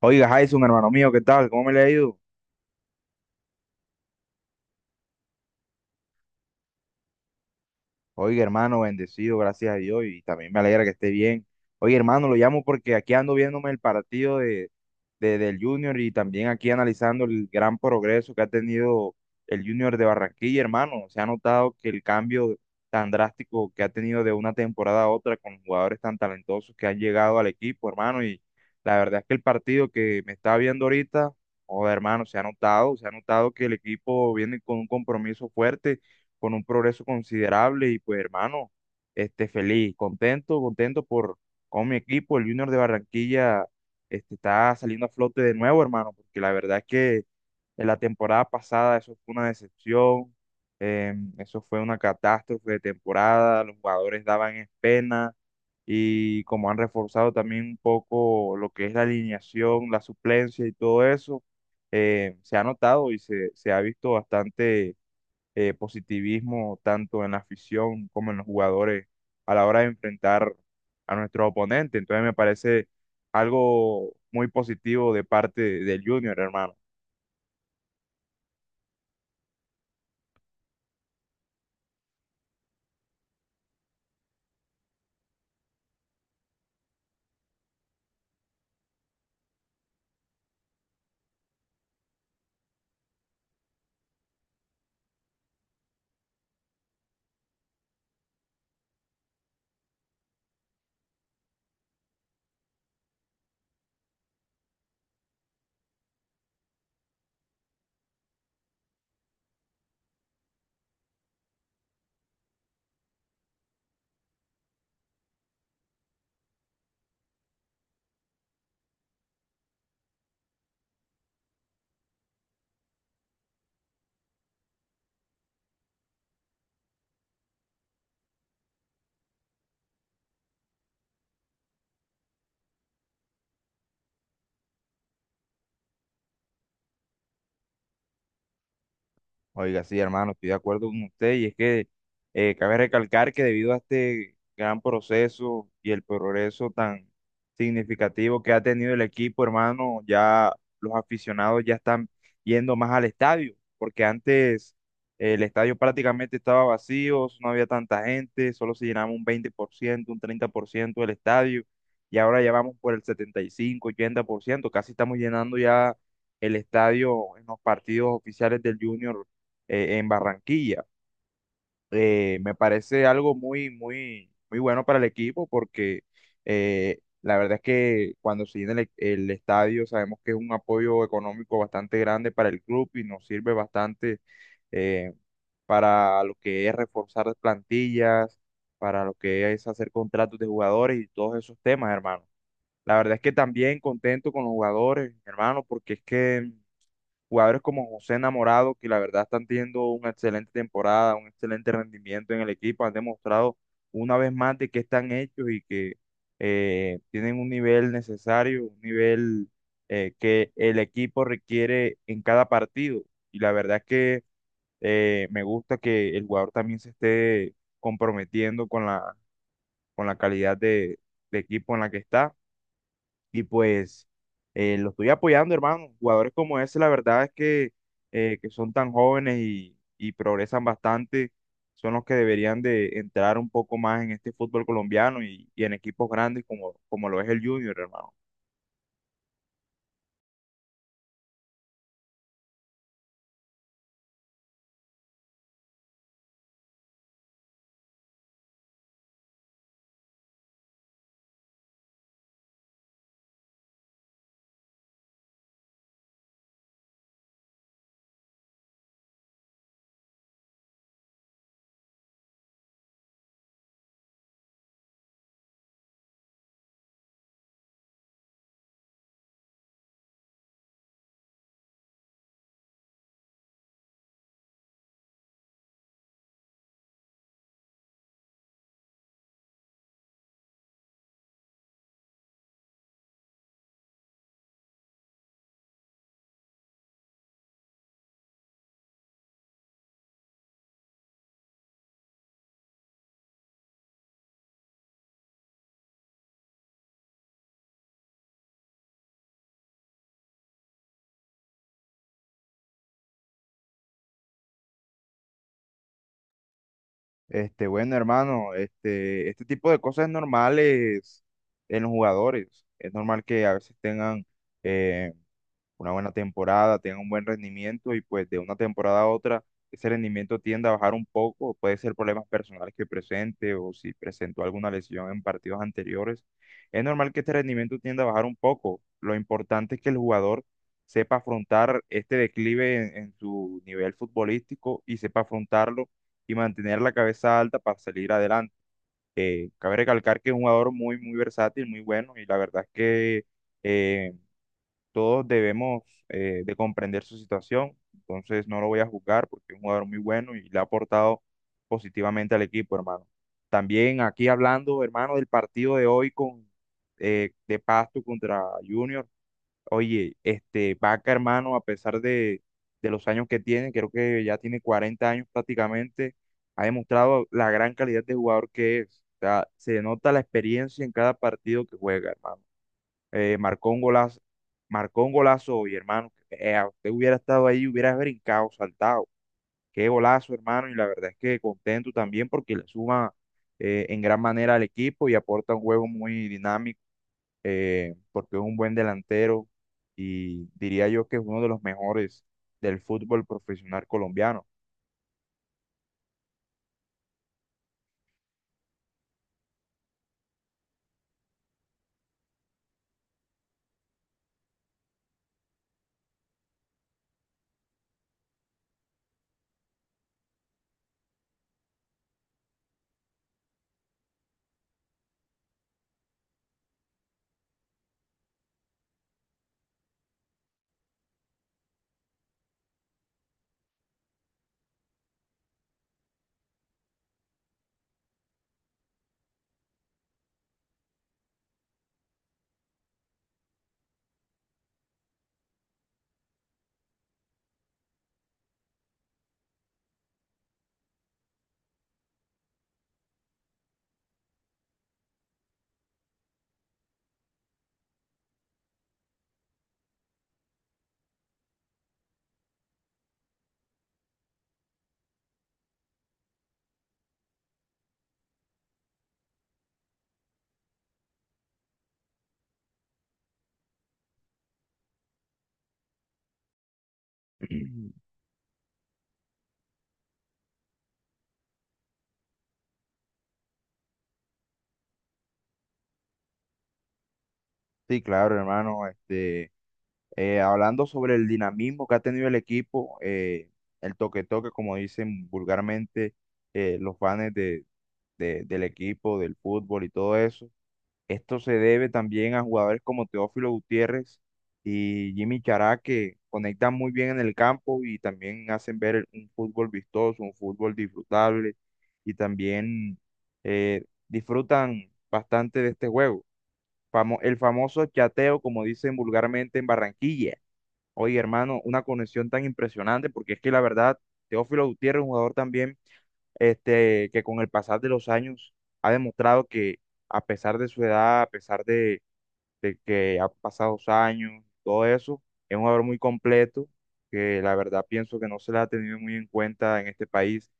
Oiga, Jason, hermano mío, ¿qué tal? ¿Cómo me le ha ido? Oiga, hermano, bendecido, gracias a Dios, y también me alegra que esté bien. Oye, hermano, lo llamo porque aquí ando viéndome el partido del Junior y también aquí analizando el gran progreso que ha tenido el Junior de Barranquilla, hermano. Se ha notado que el cambio tan drástico que ha tenido de una temporada a otra con jugadores tan talentosos que han llegado al equipo, hermano. Y la verdad es que el partido que me está viendo ahorita, joder, hermano, se ha notado que el equipo viene con un compromiso fuerte, con un progreso considerable y pues, hermano, feliz, contento, contento por. Con mi equipo, el Junior de Barranquilla está saliendo a flote de nuevo, hermano, porque la verdad es que en la temporada pasada eso fue una decepción, eso fue una catástrofe de temporada, los jugadores daban es pena y como han reforzado también un poco lo que es la alineación, la suplencia y todo eso, se ha notado y se ha visto bastante positivismo tanto en la afición como en los jugadores a la hora de enfrentar a nuestros oponentes. Entonces me parece algo muy positivo de parte del Junior, hermano. Oiga, sí, hermano, estoy de acuerdo con usted y es que cabe recalcar que debido a este gran proceso y el progreso tan significativo que ha tenido el equipo, hermano, ya los aficionados ya están yendo más al estadio, porque antes el estadio prácticamente estaba vacío, no había tanta gente, solo se llenaba un 20% un 30% del estadio y ahora ya vamos por el 75 80%, casi estamos llenando ya el estadio en los partidos oficiales del Junior en Barranquilla. Me parece algo muy, muy, muy bueno para el equipo porque la verdad es que cuando se llena el estadio sabemos que es un apoyo económico bastante grande para el club y nos sirve bastante eh, para lo que es reforzar las plantillas, para lo que es hacer contratos de jugadores y todos esos temas, hermano. La verdad es que también contento con los jugadores, hermano, porque es que jugadores como José Enamorado, que la verdad están teniendo una excelente temporada, un excelente rendimiento en el equipo, han demostrado una vez más de que están hechos y que tienen un nivel necesario, un nivel que el equipo requiere en cada partido. Y la verdad es que me gusta que el jugador también se esté comprometiendo con la calidad de equipo en la que está. Y pues lo estoy apoyando, hermano. Jugadores como ese, la verdad es que son tan jóvenes y progresan bastante, son los que deberían de entrar un poco más en este fútbol colombiano y en equipos grandes como lo es el Junior, hermano. Bueno, hermano, este tipo de cosas es normales en los jugadores. Es normal que a veces tengan una buena temporada, tenga un buen rendimiento y pues de una temporada a otra ese rendimiento tiende a bajar un poco, puede ser problemas personales que presente o si presentó alguna lesión en partidos anteriores, es normal que este rendimiento tienda a bajar un poco. Lo importante es que el jugador sepa afrontar este declive en su nivel futbolístico y sepa afrontarlo y mantener la cabeza alta para salir adelante. Cabe recalcar que es un jugador muy, muy versátil, muy bueno y la verdad es que... eh, todos debemos de comprender su situación. Entonces no lo voy a juzgar porque es un jugador muy bueno y le ha aportado positivamente al equipo, hermano. También aquí hablando, hermano, del partido de hoy con de Pasto contra Junior. Oye, este Vaca, hermano, a pesar de los años que tiene, creo que ya tiene 40 años prácticamente, ha demostrado la gran calidad de jugador que es. O sea, se nota la experiencia en cada partido que juega, hermano, eh, marcó un golazo, marcó un golazo, y hermano, usted hubiera estado ahí, hubiera brincado, saltado. Qué golazo, hermano, y la verdad es que contento también porque le suma en gran manera al equipo y aporta un juego muy dinámico, porque es un buen delantero y diría yo que es uno de los mejores del fútbol profesional colombiano. Sí, claro, hermano. Hablando sobre el dinamismo que ha tenido el equipo, el toque-toque, como dicen vulgarmente los fans del equipo, del fútbol y todo eso, esto se debe también a jugadores como Teófilo Gutiérrez y Jimmy Chará, que conectan muy bien en el campo y también hacen ver un fútbol vistoso, un fútbol disfrutable y también disfrutan bastante de este juego. El famoso chateo, como dicen vulgarmente en Barranquilla. Oye, hermano, una conexión tan impresionante, porque es que la verdad, Teófilo Gutiérrez, un jugador también, que con el pasar de los años ha demostrado que a pesar de su edad, a pesar de que ha pasado los años, todo eso, es un jugador muy completo, que la verdad pienso que no se le ha tenido muy en cuenta en este país,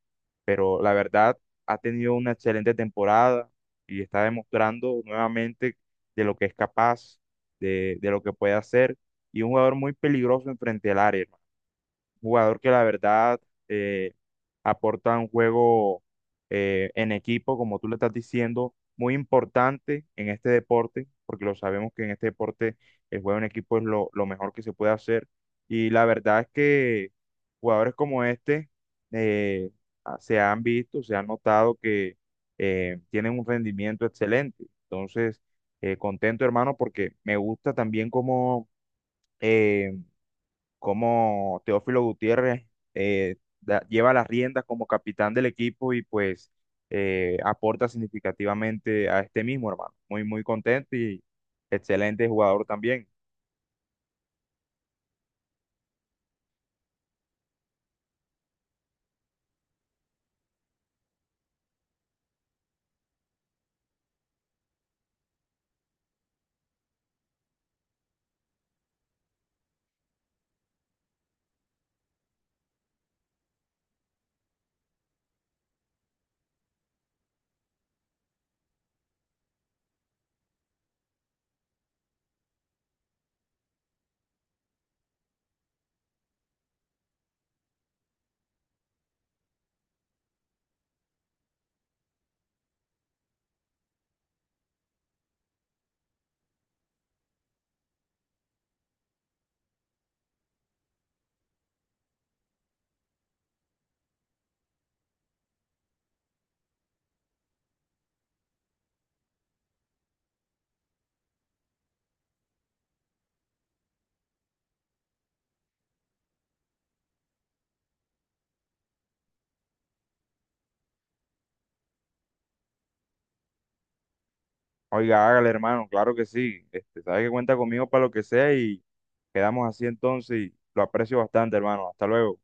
pero la verdad ha tenido una excelente temporada y está demostrando nuevamente de lo que es capaz, de lo que puede hacer, y un jugador muy peligroso enfrente al área, jugador que la verdad eh, aporta un juego en equipo, como tú le estás diciendo, muy importante en este deporte, porque lo sabemos que en este deporte el juego en equipo es lo mejor que se puede hacer. Y la verdad es que jugadores como este eh, se han visto, se han notado que tienen un rendimiento excelente. Entonces, contento, hermano, porque me gusta también como cómo Teófilo Gutiérrez lleva las riendas como capitán del equipo y pues aporta significativamente a este mismo, hermano. Muy, muy contento y excelente jugador también. Oiga, hágale, hermano, claro que sí. Sabe que cuenta conmigo para lo que sea y quedamos así entonces, y lo aprecio bastante, hermano. Hasta luego.